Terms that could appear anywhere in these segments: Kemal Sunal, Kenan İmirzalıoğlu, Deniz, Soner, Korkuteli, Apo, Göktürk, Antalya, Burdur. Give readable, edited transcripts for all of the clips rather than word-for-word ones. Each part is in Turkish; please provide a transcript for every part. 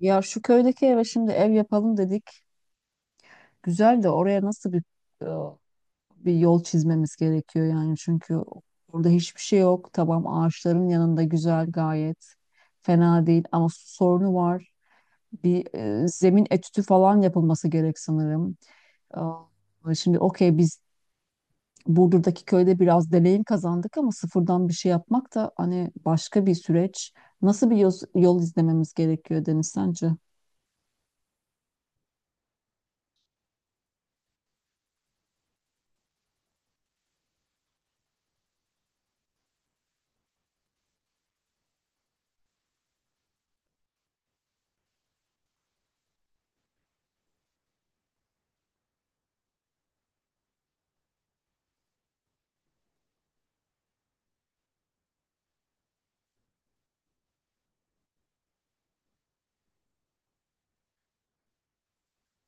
Ya şu köydeki eve şimdi ev yapalım dedik. Güzel de oraya nasıl bir e, bir yol çizmemiz gerekiyor yani çünkü orada hiçbir şey yok. Tamam, ağaçların yanında güzel, gayet fena değil ama su sorunu var. Bir zemin etüdü falan yapılması gerek sanırım. Şimdi okey, biz Burdur'daki köyde biraz deneyim kazandık ama sıfırdan bir şey yapmak da hani başka bir süreç. Nasıl bir yol izlememiz gerekiyor Deniz sence?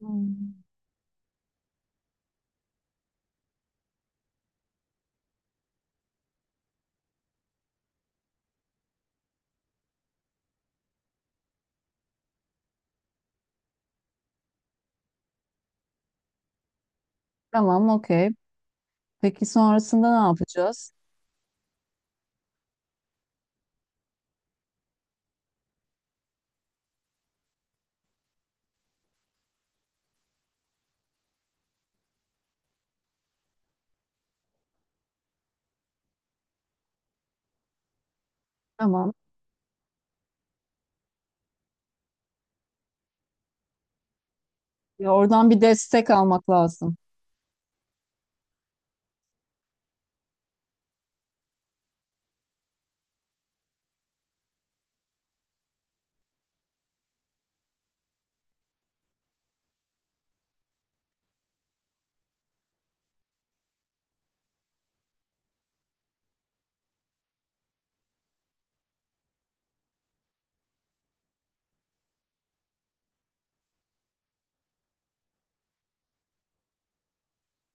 Hmm. Tamam, okey. Peki sonrasında ne yapacağız? Tamam. Ya oradan bir destek almak lazım.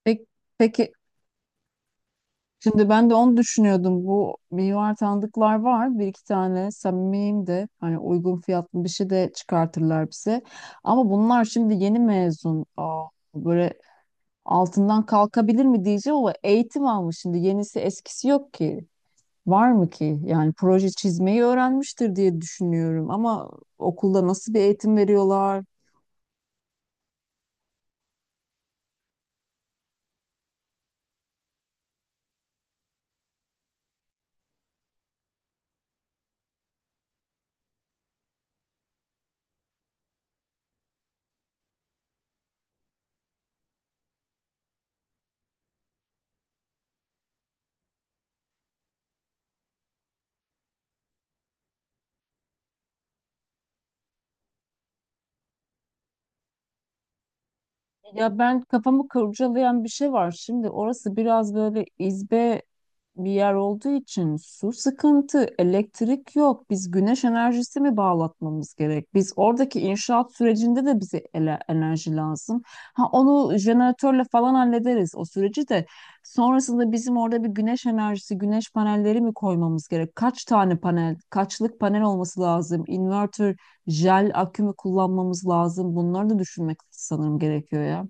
Peki, peki, şimdi ben de onu düşünüyordum. Bu mimar tanıdıklar var. Bir iki tane samimiyim de hani uygun fiyatlı bir şey de çıkartırlar bize. Ama bunlar şimdi yeni mezun. Aa, böyle altından kalkabilir mi diyeceğim ama eğitim almış şimdi. Yenisi eskisi yok ki. Var mı ki? Yani proje çizmeyi öğrenmiştir diye düşünüyorum ama okulda nasıl bir eğitim veriyorlar? Ya, ben kafamı kurcalayan bir şey var. Şimdi orası biraz böyle izbe bir yer olduğu için su sıkıntı, elektrik yok. Biz güneş enerjisi mi bağlatmamız gerek? Biz oradaki inşaat sürecinde de bize enerji lazım. Ha, onu jeneratörle falan hallederiz o süreci de. Sonrasında bizim orada bir güneş enerjisi, güneş panelleri mi koymamız gerek? Kaç tane panel, kaçlık panel olması lazım? Inverter, jel akü mü kullanmamız lazım? Bunları da düşünmek sanırım gerekiyor ya.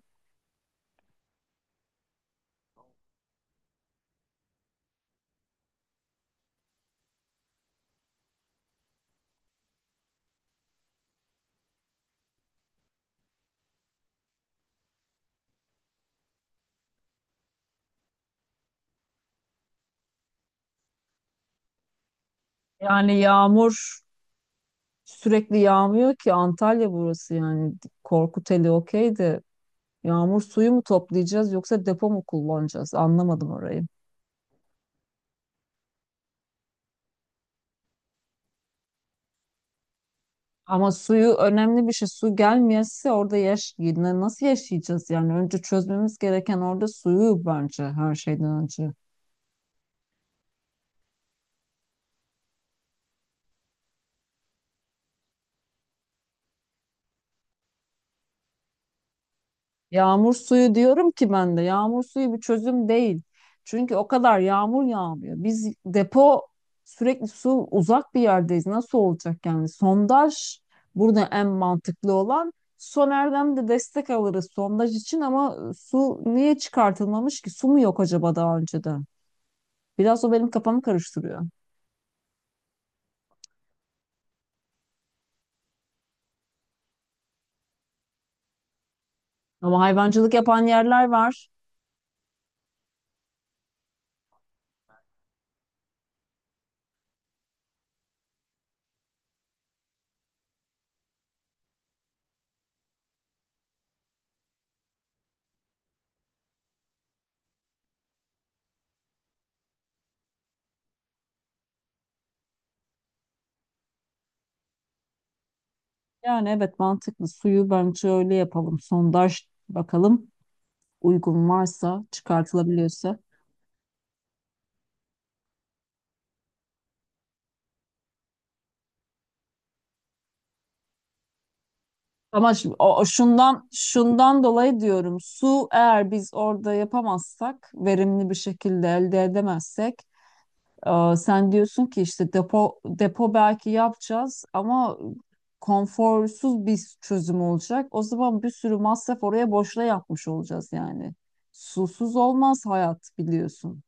Yani yağmur sürekli yağmıyor ki, Antalya burası yani. Korkuteli, okey de yağmur suyu mu toplayacağız yoksa depo mu kullanacağız, anlamadım orayı. Ama suyu önemli bir şey. Su gelmeyese orada yaş yine nasıl yaşayacağız yani? Önce çözmemiz gereken orada suyu bence, her şeyden önce. Yağmur suyu diyorum ki ben de, yağmur suyu bir çözüm değil. Çünkü o kadar yağmur yağmıyor. Biz depo, sürekli su, uzak bir yerdeyiz. Nasıl olacak yani? Sondaj burada en mantıklı olan. Soner'den de destek alırız sondaj için ama su niye çıkartılmamış ki? Su mu yok acaba daha önceden? Biraz o benim kafamı karıştırıyor. Ama hayvancılık yapan yerler var. Yani evet, mantıklı. Suyu bence öyle yapalım. Sondaj, bakalım uygun varsa, çıkartılabiliyorsa. Ama o şundan şundan dolayı diyorum. Su eğer biz orada yapamazsak, verimli bir şekilde elde edemezsek, sen diyorsun ki işte depo belki yapacağız ama konforsuz bir çözüm olacak. O zaman bir sürü masraf oraya boşuna yapmış olacağız yani. Susuz olmaz hayat, biliyorsun.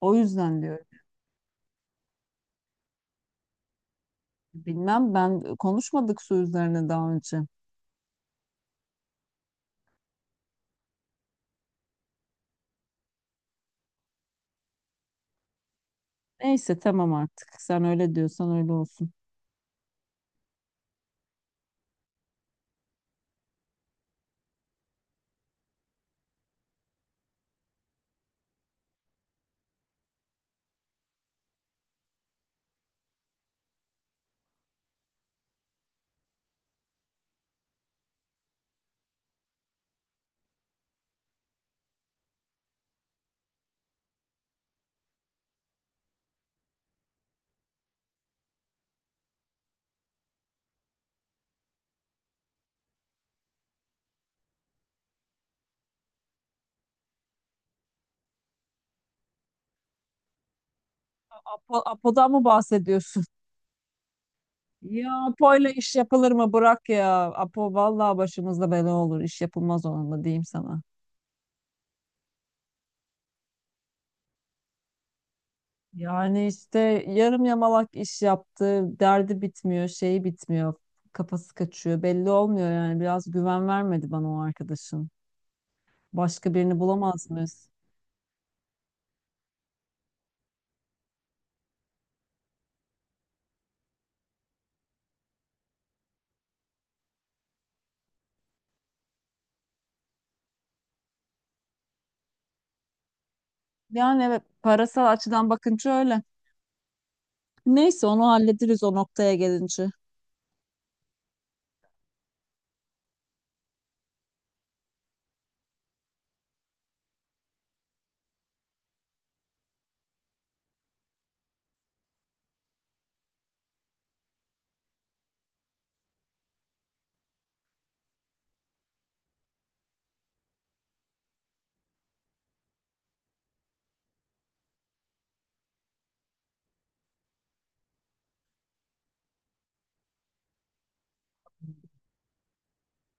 O yüzden diyorum. Bilmem, ben konuşmadık su üzerine daha önce. Neyse tamam artık. Sen öyle diyorsan öyle olsun. Apo'dan mı bahsediyorsun? Ya Apo'yla iş yapılır mı? Bırak ya. Apo vallahi başımızda bela olur. İş yapılmaz onunla, diyeyim sana. Yani işte yarım yamalak iş yaptı. Derdi bitmiyor, şeyi bitmiyor. Kafası kaçıyor. Belli olmuyor yani. Biraz güven vermedi bana o arkadaşın. Başka birini bulamaz mıyız? Yani evet, parasal açıdan bakınca öyle. Neyse, onu hallederiz o noktaya gelince.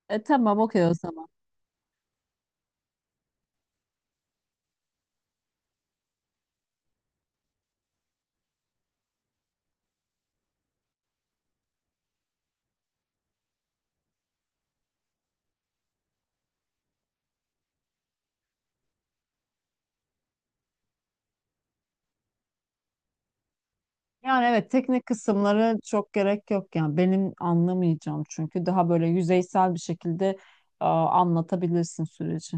Tamam okey o zaman. Yani evet, teknik kısımları çok gerek yok yani, benim anlamayacağım, çünkü daha böyle yüzeysel bir şekilde anlatabilirsin süreci.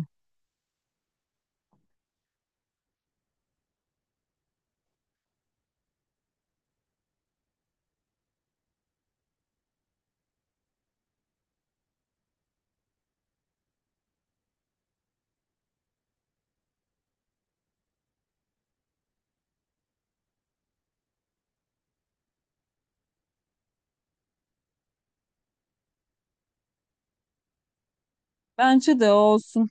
Bence de o olsun.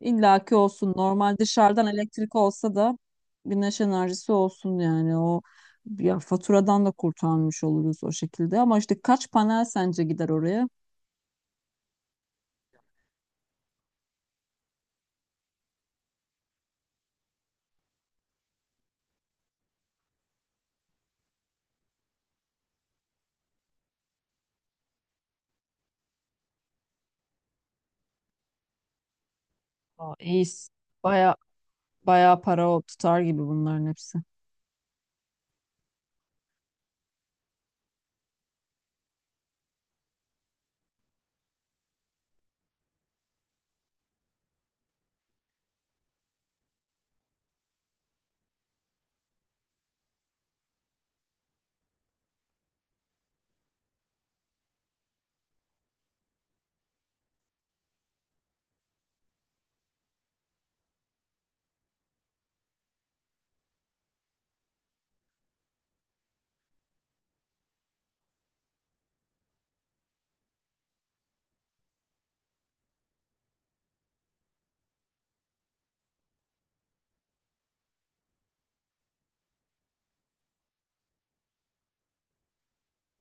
İllaki olsun. Normal dışarıdan elektrik olsa da güneş enerjisi olsun yani. O, ya faturadan da kurtarmış oluruz o şekilde. Ama işte kaç panel sence gider oraya? Aa, iyi. Bayağı, Bayağı para o tutar gibi bunların hepsi.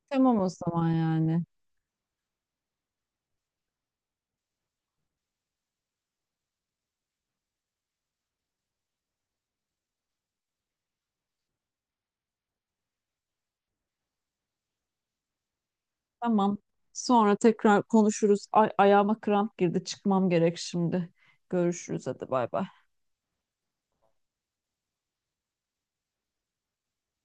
Tamam o zaman yani. Tamam. Sonra tekrar konuşuruz. Ay, ayağıma kramp girdi. Çıkmam gerek şimdi. Görüşürüz, hadi bay bay.